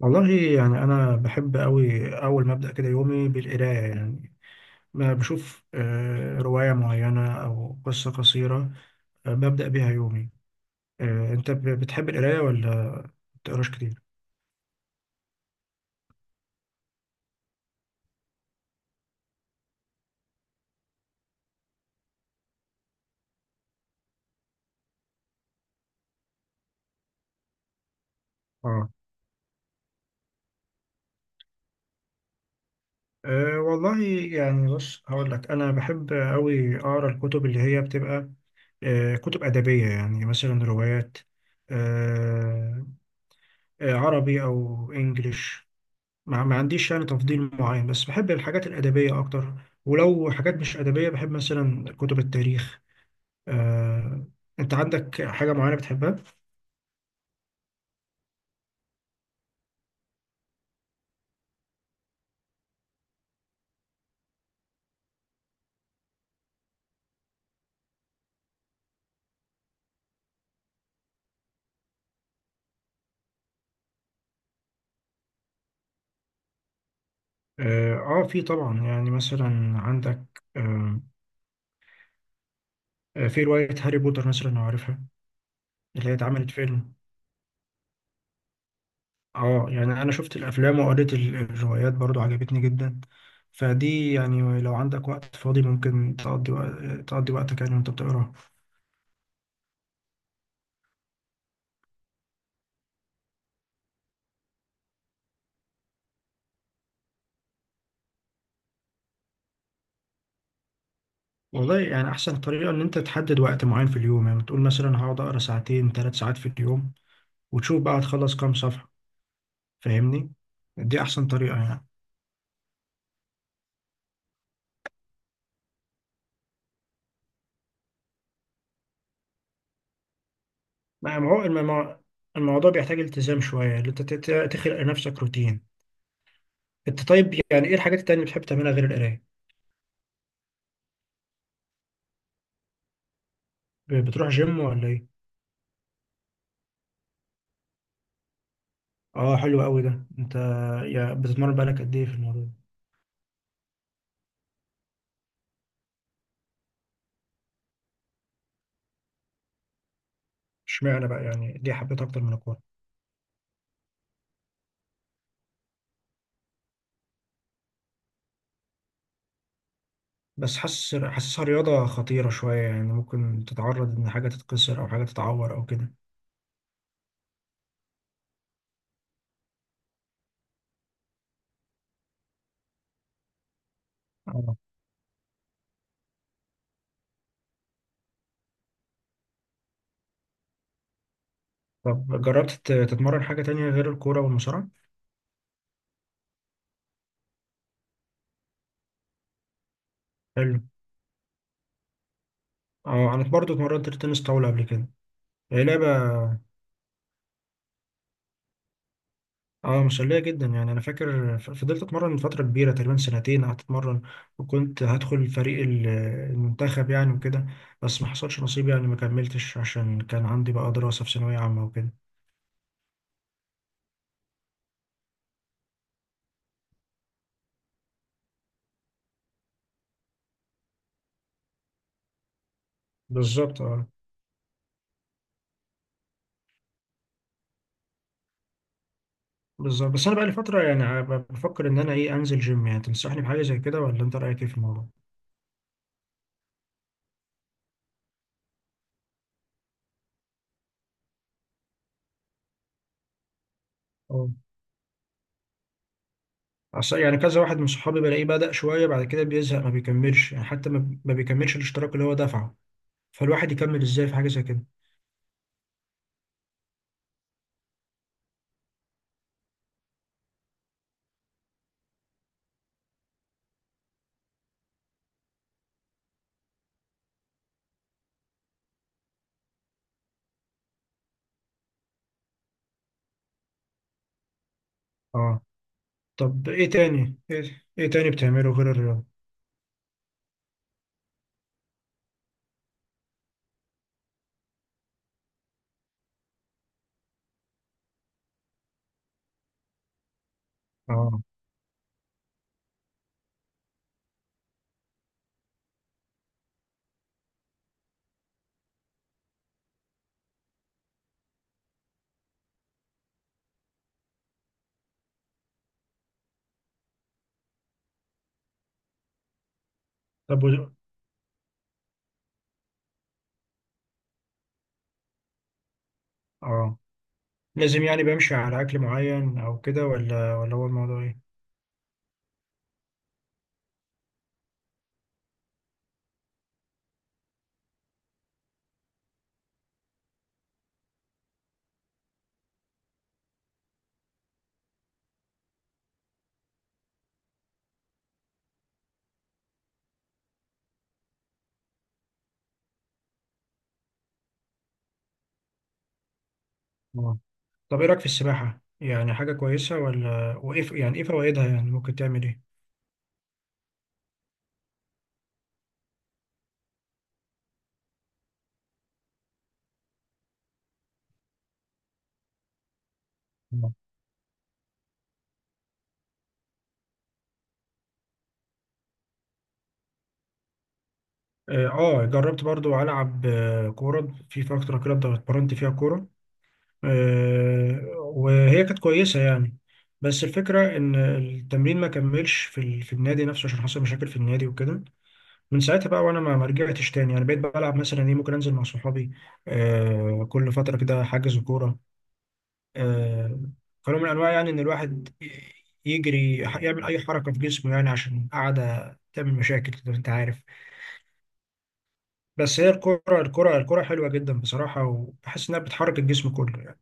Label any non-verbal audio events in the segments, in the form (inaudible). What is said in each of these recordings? والله، يعني أنا بحب أوي أول ما أبدأ كده يومي بالقراية. يعني ما بشوف، رواية معينة أو قصة قصيرة. ببدأ بيها يومي. أنت بتحب القراية ولا بتقراش كتير؟ آه آه، والله، يعني بص هقول لك، أنا بحب أوي أقرأ الكتب اللي هي بتبقى كتب أدبية، يعني مثلا روايات. آه، عربي أو إنجليش. ما عنديش يعني تفضيل معين، بس بحب الحاجات الأدبية أكتر. ولو حاجات مش أدبية، بحب مثلا كتب التاريخ. آه، أنت عندك حاجة معينة بتحبها؟ آه, آه، في طبعا، يعني مثلا عندك في رواية هاري بوتر مثلا، لو عارفها، اللي هي اتعملت فيلم. يعني أنا شفت الأفلام وقريت الروايات برضو، عجبتني جدا. فدي يعني لو عندك وقت فاضي ممكن تقضي تقضي وقتك يعني وأنت بتقراها. والله، يعني أحسن طريقة إن أنت تحدد وقت معين في اليوم. يعني تقول مثلا هقعد أقرأ ساعتين 3 ساعات في اليوم، وتشوف بقى هتخلص كام صفحة. فاهمني؟ دي أحسن طريقة يعني. ما هو الموضوع بيحتاج التزام شوية إن أنت تخلق لنفسك روتين. أنت طيب، يعني إيه الحاجات التانية اللي بتحب تعملها غير القراية؟ بتروح جيم ولا إيه؟ آه، حلو أوي ده. أنت يعني بتتمرن بقالك قد إيه في الموضوع ده؟ اشمعنى بقى يعني دي حبيتها أكتر من الكورة؟ بس حاسسها رياضة خطيرة شوية، يعني ممكن تتعرض إن حاجة تتكسر أو حاجة تتعور أو كده. اه، طب جربت تتمرن حاجة تانية غير الكورة والمصارعة؟ حلو. اه، أنا برضه اتمرنت تنس طاولة قبل كده. هي لعبة. اه، مسلية جدا. يعني أنا فاكر، فضلت أتمرن من فترة كبيرة، تقريبا سنتين قعدت أتمرن، وكنت هدخل فريق المنتخب يعني وكده. بس ما حصلش نصيب يعني، ما كملتش عشان كان عندي بقى دراسة في ثانوية عامة وكده. بالظبط، اه، بالظبط. بس أنا بقى لي فترة يعني، بفكر إن أنا إيه، أنزل جيم يعني. تنصحني بحاجة زي كده، ولا أنت رأيك إيه في الموضوع؟ عشان يعني كذا واحد من صحابي بلاقيه بدأ شوية، بعد كده بيزهق ما بيكملش يعني، حتى ما بيكملش الاشتراك اللي هو دفعه. فالواحد يكمل ازاي في حاجة زي كده؟ اه، طب ايه تاني إيه تاني بتعمله غير الرياضة؟ اه، طب اه، لازم يعني بمشي على أكل معين أو كده، ولا هو الموضوع ايه؟ اه، طب ايه رأيك في السباحة، يعني حاجة كويسة ولا، وايه يعني ايه فوائدها، يعني ممكن تعمل ايه؟ اه. آه، جربت برضو ألعب كورة في فترة كده، اتمرنت فيها كورة. وهي كانت كويسة يعني. بس الفكرة إن التمرين ما كملش في النادي نفسه عشان حصل مشاكل في النادي وكده. من ساعتها بقى وأنا ما رجعتش تاني. يعني بقيت بلعب مثلا إيه، ممكن أنزل مع صحابي كل فترة كده، حجز كورة، آه، كنوع من أنواع يعني إن الواحد يجري يعمل أي حركة في جسمه، يعني عشان قاعدة تعمل مشاكل زي ما أنت عارف. بس هي الكرة حلوة جدا بصراحة، وبحس إنها بتحرك الجسم كله يعني.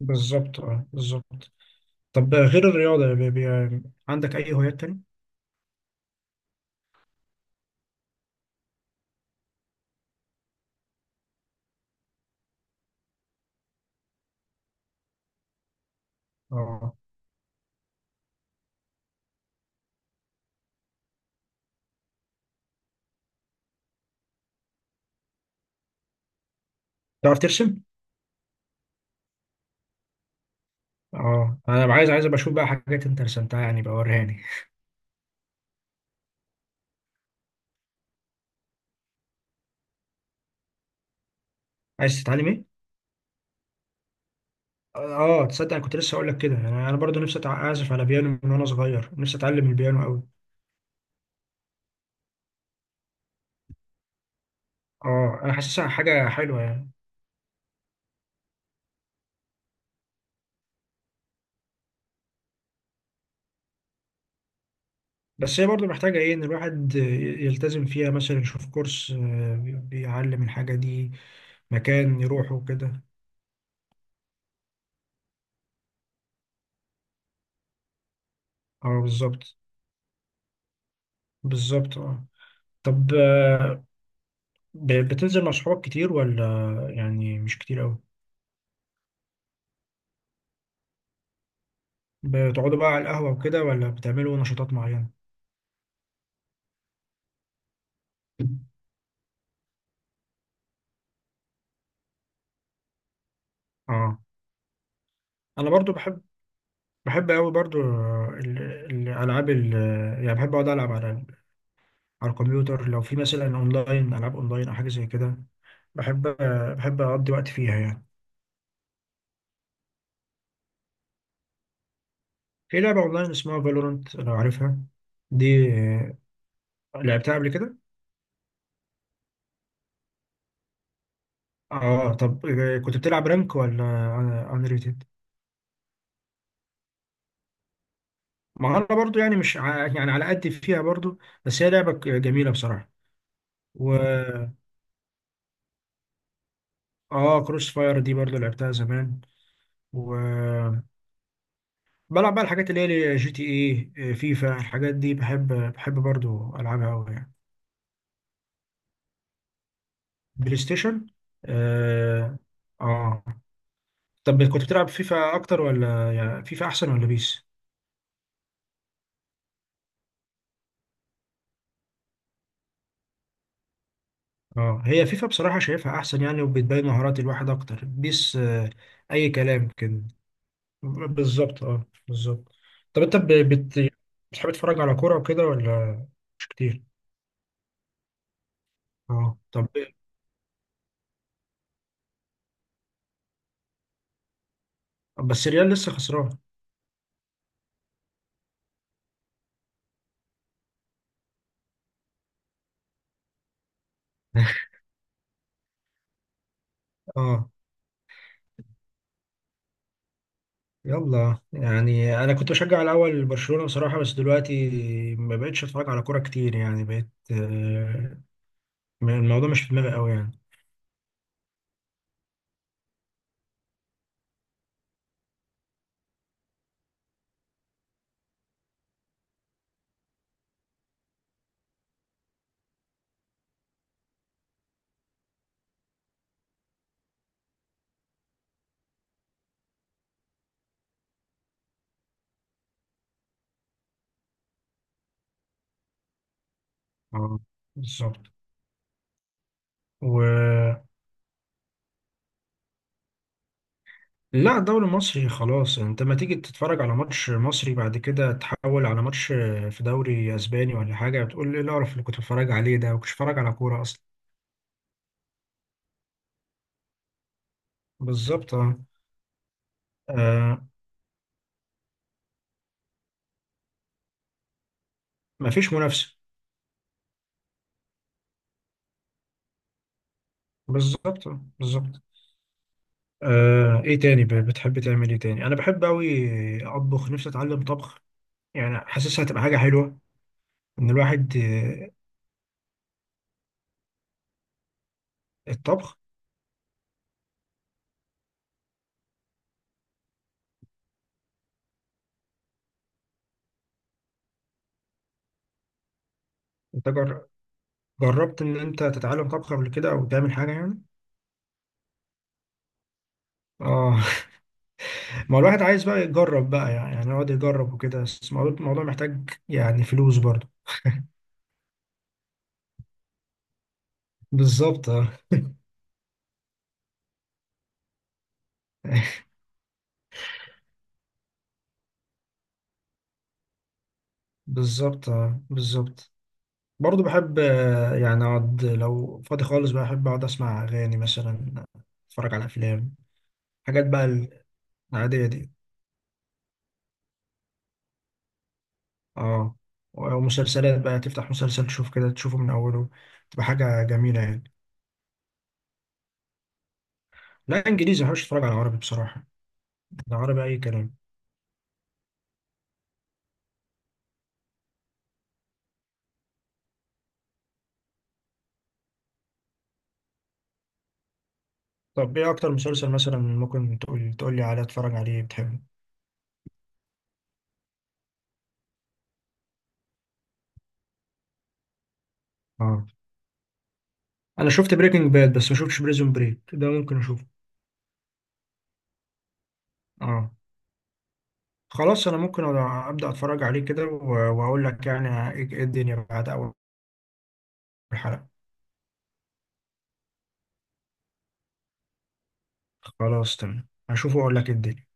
بالظبط، اه، بالظبط. طب غير الرياضة، بي بي عندك أي هوايات تاني؟ اه، تعرف ترسم؟ اه، أنا عايز أبقى أشوف بقى حاجات أنت رسمتها يعني بقى، وريهاني. عايز تتعلم إيه؟ اه تصدق، أنا كنت لسه أقول لك كده. أنا برضه نفسي أعزف على بيانو من وأنا صغير، نفسي أتعلم البيانو أوي. اه، أنا حاسسها حاجة حلوة يعني. بس هي برضه محتاجة إيه، إن الواحد يلتزم فيها، مثلا يشوف كورس بيعلم الحاجة دي، مكان يروحه كده. اه، بالظبط. بالظبط، اه. طب بتنزل مع صحابك كتير ولا؟ يعني مش كتير قوي. بتقعدوا بقى على القهوة وكده، ولا بتعملوا نشاطات معينة؟ اه، انا برضو بحب قوي برضو الالعاب ال- يعني بحب اقعد العب على على الكمبيوتر، لو في مثلا اونلاين، العاب اونلاين او حاجة زي كده. بحب بحب اقضي وقت فيها يعني. في لعبة اونلاين اسمها فالورانت، لو عارفها. دي لعبتها قبل كده. اه، طب كنت بتلعب رانك ولا انريتد؟ ما انا برضو يعني مش يعني على قد فيها برضو. بس هي لعبة جميلة بصراحة. و اه، كروس فاير دي برضو لعبتها زمان. و بلعب بقى الحاجات اللي هي جي تي اي، فيفا، الحاجات دي بحب برضو العبها قوي يعني. بلاي ستيشن. اه. اه، طب كنت بتلعب فيفا اكتر ولا فيفا احسن ولا بيس؟ اه، هي فيفا بصراحة شايفها احسن يعني، وبتبين مهارات الواحد اكتر. بيس آه، اي كلام كده. بالظبط، اه، بالظبط. طب انت بتحب تتفرج على كورة وكده ولا؟ مش كتير؟ اه، طب بس الريال لسه خسران. (laughs) اه، يلا يعني انا كنت بشجع الاول برشلونة بصراحة، بس دلوقتي ما بقتش اتفرج على كورة كتير يعني. بقيت، الموضوع مش في دماغي قوي يعني. اه، بالظبط. و لا، الدوري المصري خلاص، انت ما تيجي تتفرج على ماتش مصري بعد كده تحول على ماتش في دوري اسباني ولا حاجه، بتقول ايه القرف اللي كنت بتفرج عليه ده، وكنتش بتفرج على كوره اصلا. بالظبط اه. آه، مفيش منافسه. بالظبط، بالظبط. ايه تاني بتحب تعمل ايه تاني؟ انا بحب قوي اطبخ، نفسي اتعلم طبخ. يعني حاسسها هتبقى حاجه حلوه، ان الواحد الطبخ. انت جربت ان انت تتعلم طبخ قبل كده او تعمل حاجه يعني؟ اه، ما هو الواحد عايز بقى يجرب بقى، يعني يقعد يجرب وكده. بس الموضوع محتاج يعني فلوس برضه. بالظبط اه. (laughs) بالظبط، آه، بالظبط. برضه بحب، يعني اقعد لو فاضي خالص بقى، احب اقعد اسمع اغاني مثلا، اتفرج على افلام، حاجات بقى العادية دي. اه، ومسلسلات بقى تفتح مسلسل تشوف كده، تشوفه من اوله، تبقى حاجة جميلة يعني. لا، انجليزي، ما بحبش اتفرج على عربي بصراحة. العربي اي كلام. طب ايه اكتر مسلسل مثلا ممكن تقول لي عليه اتفرج عليه بتحبه؟ اه، انا شفت بريكنج باد، بس ما شفتش بريزون بريك. ده ممكن اشوفه. اه، خلاص انا ممكن ابدا اتفرج عليه كده واقول لك يعني ايه إيه الدنيا بعد اول حلقة. خلاص تمام، هشوفه واقول لك إيه الدنيا.